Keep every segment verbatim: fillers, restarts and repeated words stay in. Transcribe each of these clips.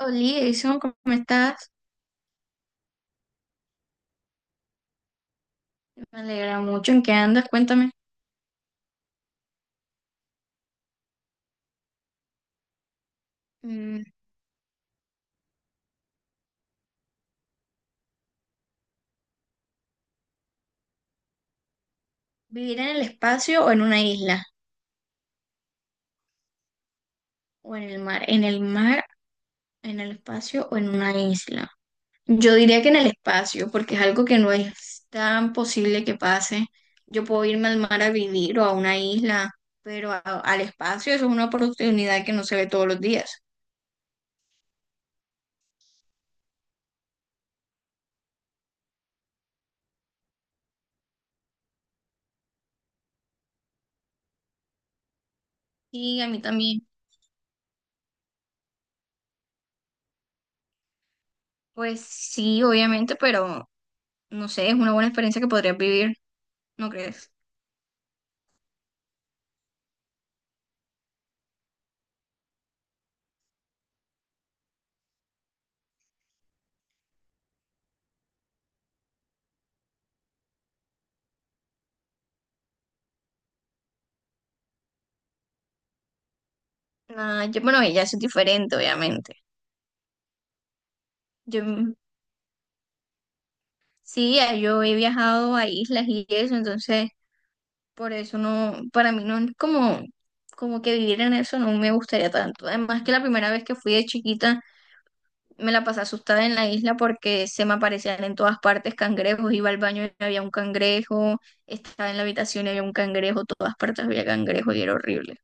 Oli, Edison, ¿cómo estás? Me alegra mucho. ¿En qué andas? Cuéntame. Mm. ¿Vivir en el espacio o en una isla? ¿O en el mar? ¿En el mar, en el espacio o en una isla? Yo diría que en el espacio, porque es algo que no es tan posible que pase. Yo puedo irme al mar a vivir o a una isla, pero a- al espacio eso es una oportunidad que no se ve todos los días. Sí, a mí también. Pues sí, obviamente, pero no sé, es una buena experiencia que podrías vivir, ¿no crees? Ah, yo, bueno, ya eso es diferente, obviamente. Yo mm, sí, ya yo he viajado a islas y eso, entonces por eso no, para mí no es como, como que vivir en eso no me gustaría tanto. Además que la primera vez que fui de chiquita me la pasé asustada en la isla porque se me aparecían en todas partes cangrejos, iba al baño y había un cangrejo, estaba en la habitación y había un cangrejo, todas partes había cangrejo y era horrible.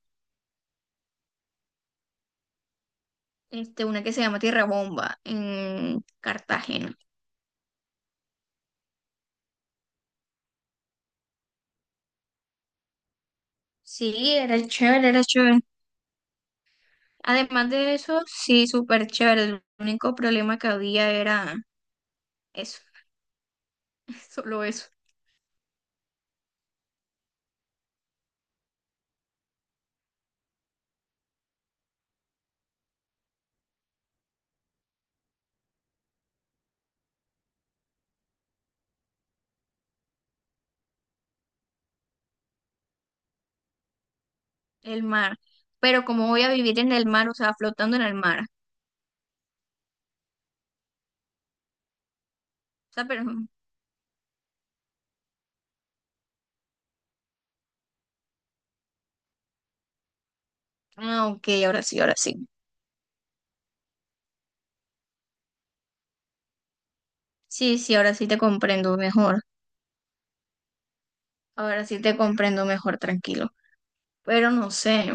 Este, una que se llama Tierra Bomba en Cartagena. Sí, era chévere, era chévere. Además de eso, sí, súper chévere. El único problema que había era eso, solo eso, el mar. Pero ¿cómo voy a vivir en el mar? O sea, flotando en el mar. O sea, pero... Ah, ok, ahora sí, ahora sí. Sí, sí, ahora sí te comprendo mejor. Ahora sí te comprendo mejor, tranquilo. Pero no sé,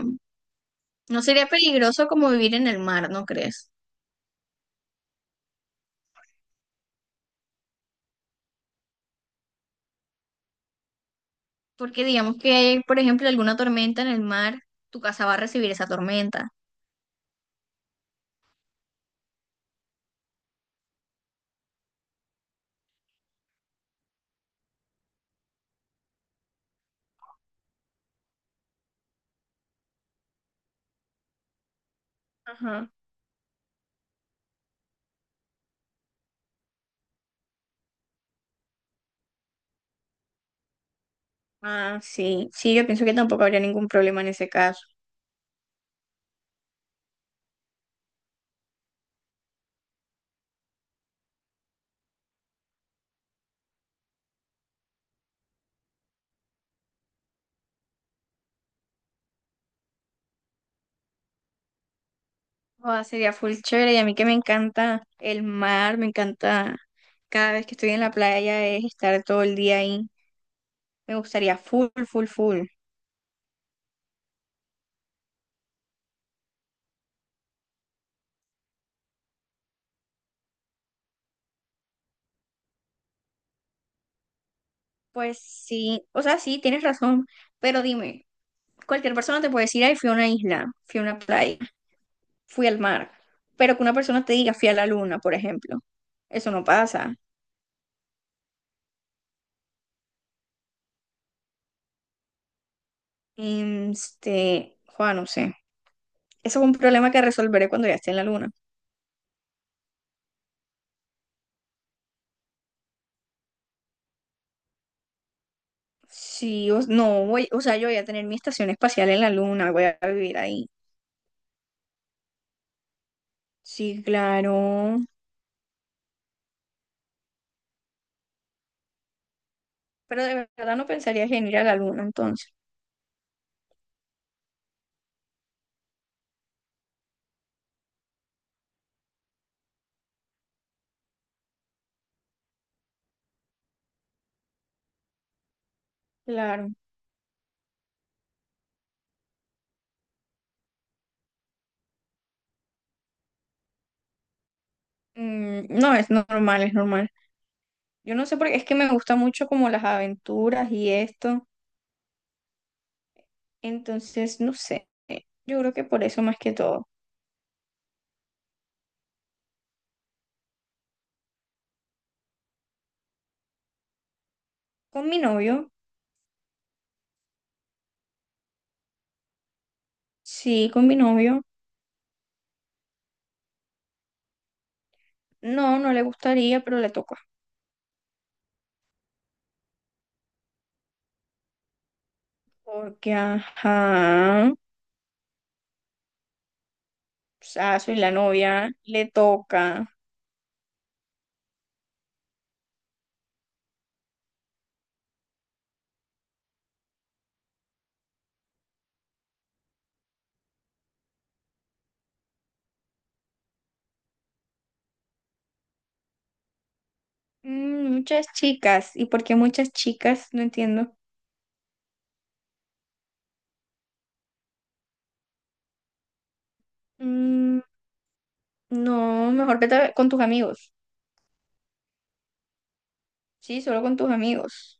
no sería peligroso como vivir en el mar, ¿no crees? Porque digamos que hay, por ejemplo, alguna tormenta en el mar, tu casa va a recibir esa tormenta. Ajá. Ah, sí. Sí, yo pienso que tampoco habría ningún problema en ese caso. Joda, sería full chévere y a mí que me encanta el mar, me encanta cada vez que estoy en la playa es estar todo el día ahí. Me gustaría full, full, full. Pues sí, o sea, sí, tienes razón, pero dime, cualquier persona te puede decir, ay, fui a una isla, fui a una playa, fui al mar, pero que una persona te diga, fui a la luna, por ejemplo, eso no pasa. Este, Juan, no sé, eso es un problema que resolveré cuando ya esté en la luna. Sí, o- no voy, o sea, yo voy a tener mi estación espacial en la luna, voy a vivir ahí. Sí, claro. Pero de verdad no pensarías en ir a la luna entonces. Claro. Mm, no, es normal, es normal. Yo no sé porque es que me gusta mucho como las aventuras y esto. Entonces, no sé. Yo creo que por eso más que todo. Con mi novio, sí, con mi novio. No, no le gustaría, pero le toca. Porque, ajá, o sea, soy la novia, le toca. Mm, muchas chicas. ¿Y por qué muchas chicas? No entiendo. Mm, no, mejor vete con tus amigos. Sí, solo con tus amigos.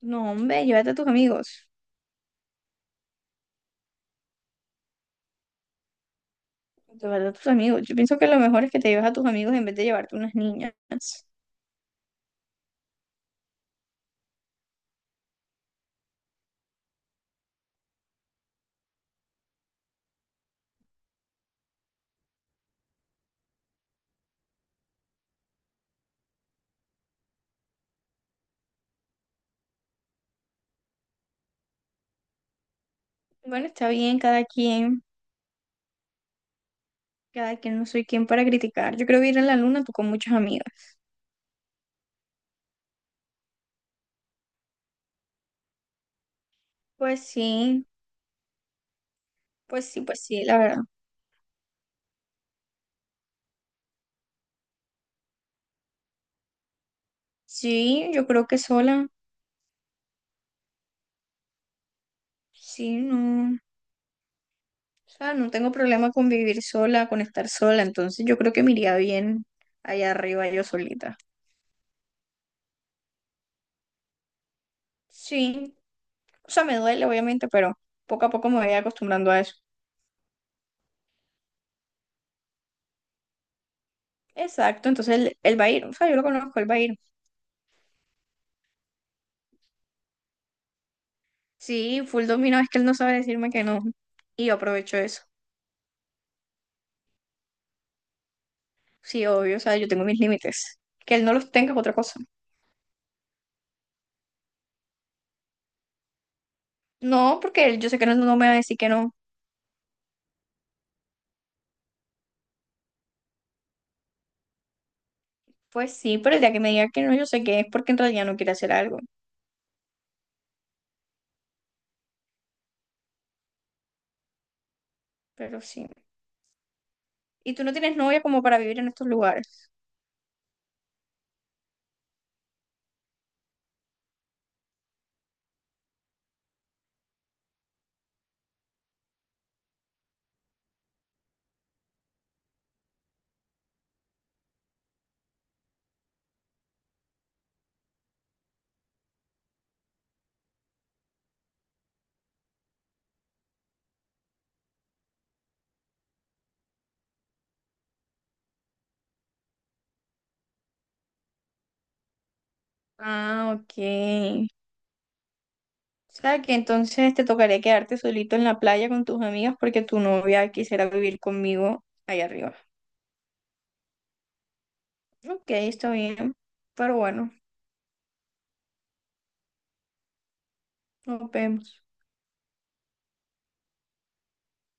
No, hombre, llévate a tus amigos. Llévate a tus amigos. Yo pienso que lo mejor es que te lleves a tus amigos en vez de llevarte unas niñas. Bueno, está bien, cada quien, cada quien, no soy quien para criticar. Yo creo que ir a la luna tú con muchas amigas. Pues sí, pues sí, pues sí, la verdad. Sí, yo creo que sola. Sí, no. O sea, no tengo problema con vivir sola, con estar sola. Entonces yo creo que me iría bien allá arriba yo solita. Sí, o sea, me duele, obviamente, pero poco a poco me voy acostumbrando a eso. Exacto, entonces él, él va a ir. O sea, yo lo conozco, él va a ir. Sí, full dominó, es que él no sabe decirme que no. Y yo aprovecho eso. Sí, obvio, o sea, yo tengo mis límites. Que él no los tenga es otra cosa. No, porque él, yo sé que él no me va a decir que no. Pues sí, pero el día que me diga que no, yo sé que es porque en realidad no quiere hacer algo. Pero sí. ¿Y tú no tienes novia como para vivir en estos lugares? Ah, ok. O sea, que entonces te tocaría quedarte solito en la playa con tus amigas porque tu novia quisiera vivir conmigo allá arriba. Ok, está bien, pero bueno, nos vemos.